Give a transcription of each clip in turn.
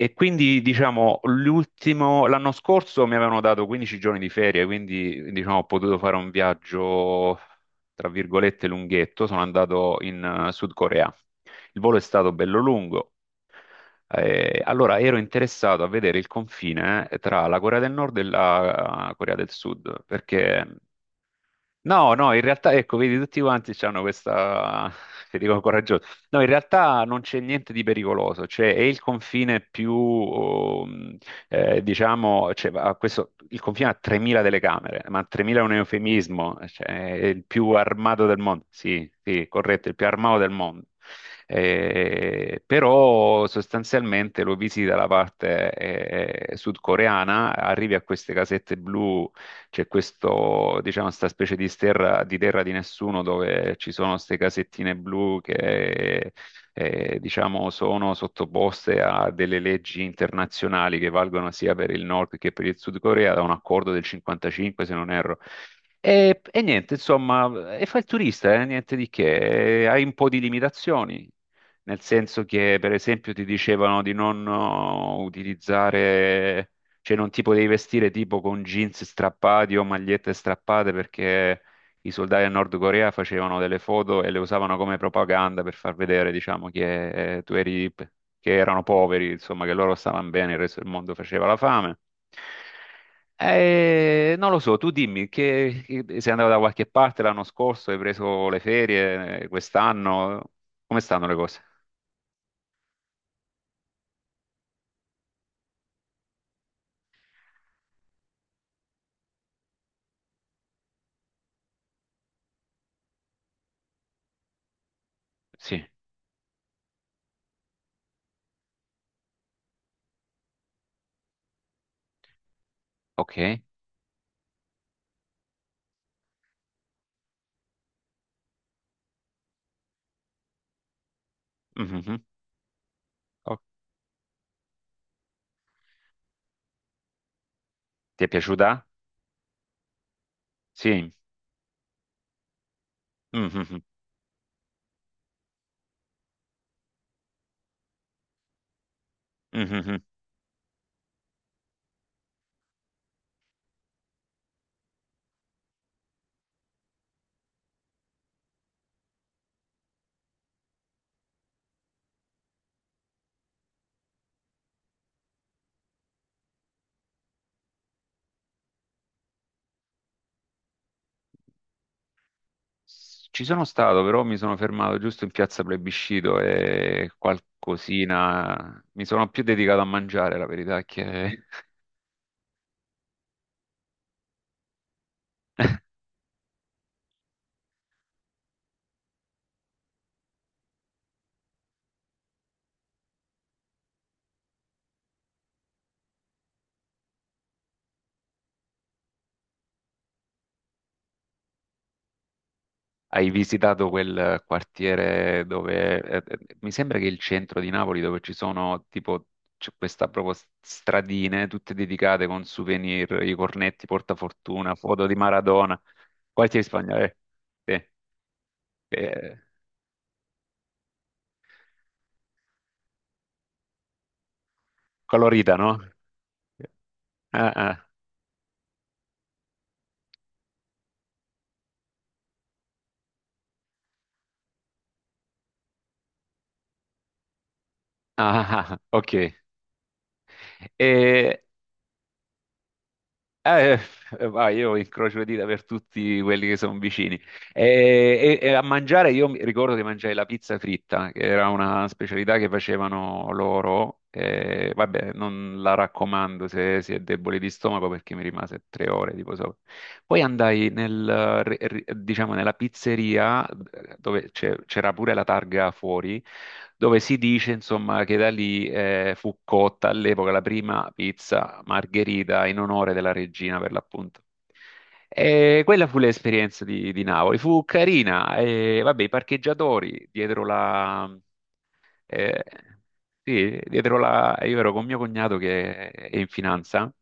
E quindi, diciamo, l'anno scorso mi avevano dato 15 giorni di ferie, quindi, diciamo, ho potuto fare un viaggio, tra virgolette, lunghetto. Sono andato in Sud Corea. Il volo è stato bello lungo. Allora ero interessato a vedere il confine, tra la Corea del Nord e la, Corea del Sud, perché. No, no, in realtà, ecco, vedi, tutti quanti hanno questa, che dicono coraggiosa. No, in realtà non c'è niente di pericoloso, cioè è il confine più, diciamo, cioè, questo, il confine ha 3.000 telecamere, ma 3.000 è un eufemismo, cioè è il più armato del mondo. Sì, sì, corretto, il più armato del mondo. Però sostanzialmente lo visita la parte sudcoreana, arrivi a queste casette blu. C'è questo, diciamo, questa specie di terra, di terra di nessuno dove ci sono queste casettine blu che, diciamo, sono sottoposte a delle leggi internazionali che valgono sia per il Nord che per il Sud Corea, da un accordo del 55, se non erro. E niente, insomma, e fa il turista, niente di che. E hai un po' di limitazioni. Nel senso che, per esempio, ti dicevano di non utilizzare, cioè non ti potevi vestire tipo con jeans strappati o magliette strappate, perché i soldati del Nord Corea facevano delle foto e le usavano come propaganda per far vedere, diciamo, che, tu eri, che erano poveri, insomma, che loro stavano bene, il resto del mondo faceva la fame. Non lo so, tu dimmi che, sei andato da qualche parte l'anno scorso, hai preso le ferie, quest'anno, come stanno le cose? Sì, ok. Mhm. Oh, ti è piaciuta? Sì. Mhm. Mhm. Ci sono stato, però mi sono fermato giusto in piazza Plebiscito e qualcosina. Mi sono più dedicato a mangiare, la verità è che hai visitato quel quartiere dove, mi sembra, che il centro di Napoli dove ci sono tipo, c'è questa proprio, stradine tutte dedicate con souvenir, i cornetti, portafortuna, foto di Maradona, quartiere spagnolo? Eh, sì, eh, colorita, no? Ah, ah, ah, ah, ah, ok. E, Eh, ma io incrocio le dita per tutti quelli che sono vicini. E a mangiare, io mi ricordo che mangiai la pizza fritta, che era una specialità che facevano loro. E vabbè, non la raccomando se si è deboli di stomaco perché mi rimase 3 ore, tipo, so. Poi andai, diciamo, nella pizzeria, dove c'era pure la targa fuori, dove si dice insomma che da lì, fu cotta all'epoca la prima pizza margherita in onore della regina, per l'appunto. E quella fu l'esperienza di Napoli, fu carina. E vabbè, i parcheggiatori dietro, eh, sì, dietro la... Io ero con mio cognato che è in finanza,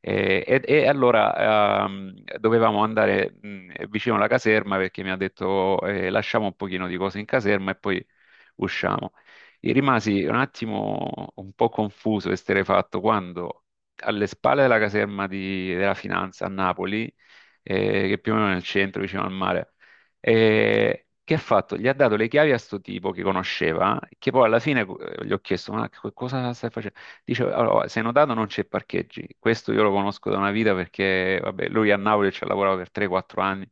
e allora, dovevamo andare, vicino alla caserma perché mi ha detto, lasciamo un pochino di cose in caserma e poi usciamo. E rimasi un attimo un po' confuso e esterrefatto quando, alle spalle della caserma della finanza a Napoli, che più o meno è nel centro, vicino al mare, e che ha fatto? Gli ha dato le chiavi a sto tipo che conosceva, che poi alla fine, gli ho chiesto, ma cosa stai facendo? Dice, allora, se hai notato non c'è parcheggi, questo io lo conosco da una vita perché, vabbè, lui a Napoli ci ha lavorato per 3-4 anni.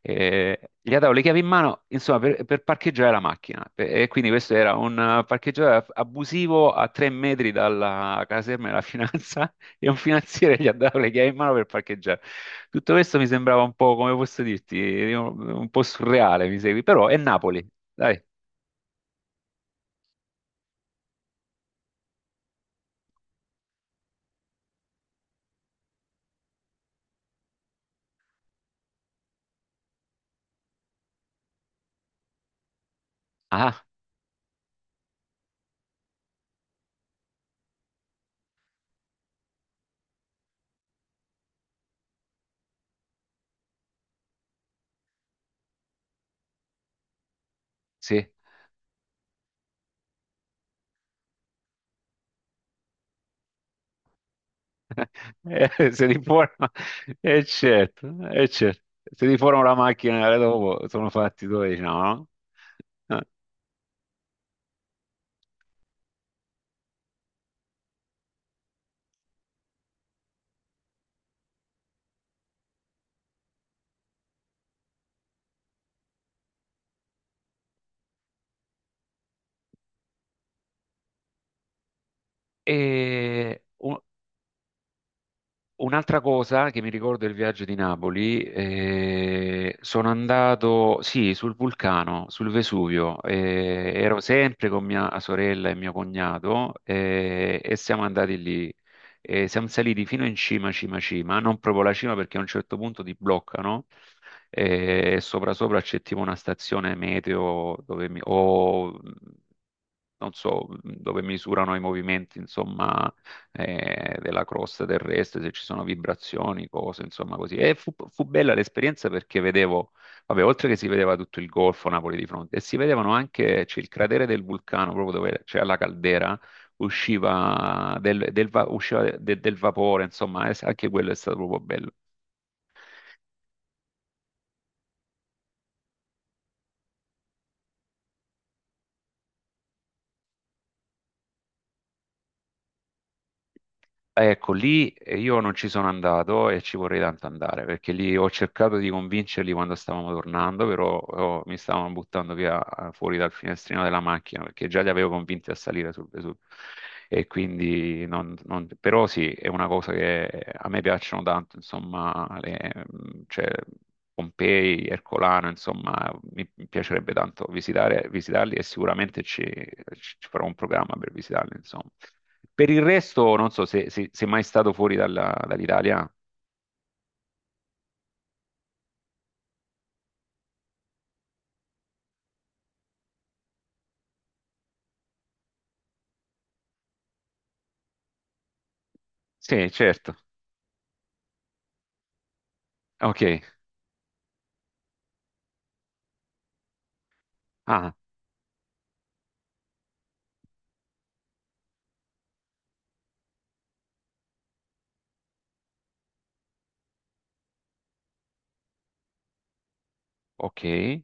Gli ha dato le chiavi in mano, insomma, per, parcheggiare la macchina, e quindi questo era un, parcheggiatore abusivo a 3 metri dalla caserma della finanza, e un finanziere gli ha dato le chiavi in mano per parcheggiare. Tutto questo mi sembrava un po', come posso dirti, un po' surreale, mi segui, però è Napoli, dai. Ah, sì, se ti forma, e certo, certo. Se ti forma la macchina, dopo sono fatti 12, no? Eh. E un- Un'altra cosa che mi ricordo del viaggio di Napoli, sono andato, sì, sul vulcano, sul Vesuvio, ero sempre con mia sorella e mio cognato, e siamo andati lì. Siamo saliti fino in cima, cima, cima, non proprio la cima perché a un certo punto ti bloccano, e sopra sopra c'è tipo una stazione meteo dove o non so, dove misurano i movimenti, insomma, della crosta terrestre, se ci sono vibrazioni, cose, insomma, così. E fu bella l'esperienza perché vedevo, vabbè, oltre che si vedeva tutto il Golfo Napoli di fronte, e si vedevano anche, c'è il cratere del vulcano, proprio dove c'è la caldera, usciva del, del va- usciva de- del vapore, insomma, anche quello è stato proprio bello. Ecco, lì, io non ci sono andato e ci vorrei tanto andare, perché lì ho cercato di convincerli quando stavamo tornando, però mi stavano buttando via, fuori dal finestrino della macchina, perché già li avevo convinti a salire sul Vesuvio. E quindi, però sì, è una cosa che a me piacciono tanto, insomma, le, cioè, Pompei, Ercolano, insomma, mi piacerebbe tanto visitare, visitarli, e sicuramente ci farò un programma per visitarli, insomma. Per il resto, non so sei mai stato fuori dall'Italia. Sì, certo. Ok. Ah, ok.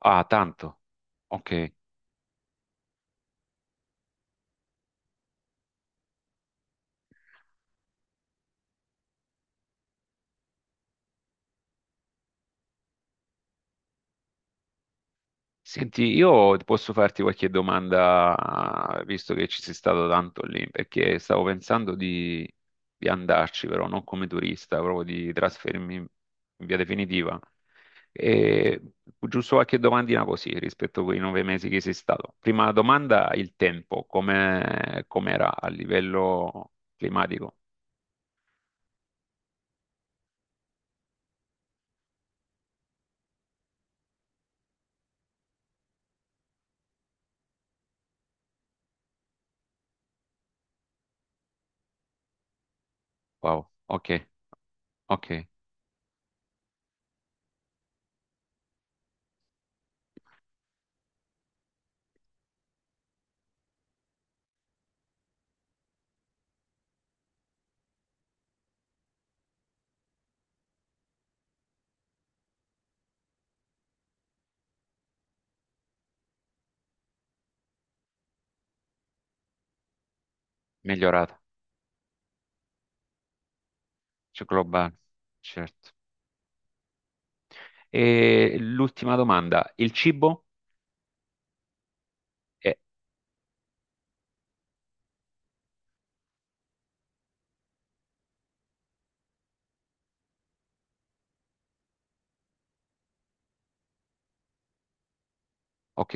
Ah, tanto. Ok. Senti, io posso farti qualche domanda, visto che ci sei stato tanto lì, perché stavo pensando di andarci, però non come turista, proprio di trasferirmi in via definitiva. E giusto qualche domandina così rispetto a quei 9 mesi che sei stato. Prima domanda, il tempo, come com'era a livello climatico? Wow, ok, ok, migliorata, c'è globale, certo. E l'ultima domanda, il cibo? Eh, ok,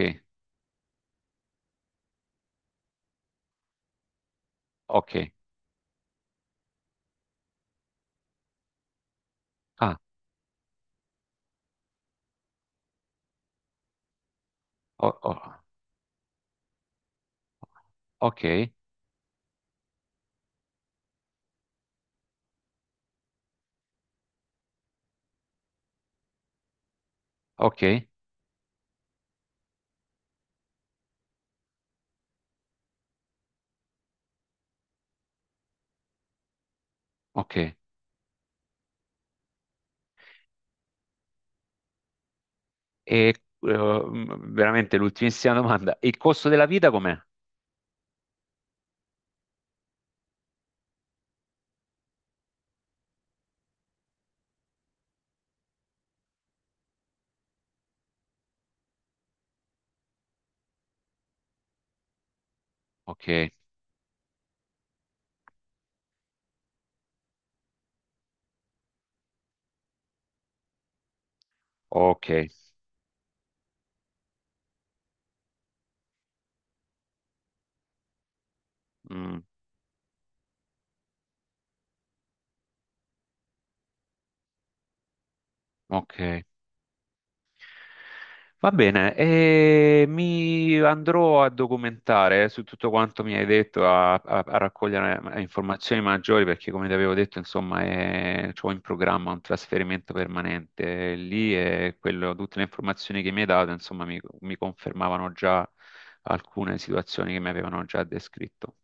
ok, ah, o- o- ok, ok, ok. E, eh, veramente l'ultimissima domanda, il costo della vita com'è? Ok, ok. Mm, ok, va bene, e mi andrò a documentare su tutto quanto mi hai detto, a, a raccogliere, informazioni maggiori, perché come ti avevo detto, insomma, ho in programma un trasferimento permanente lì, e tutte le informazioni che mi hai dato, insomma, mi confermavano già alcune situazioni che mi avevano già descritto.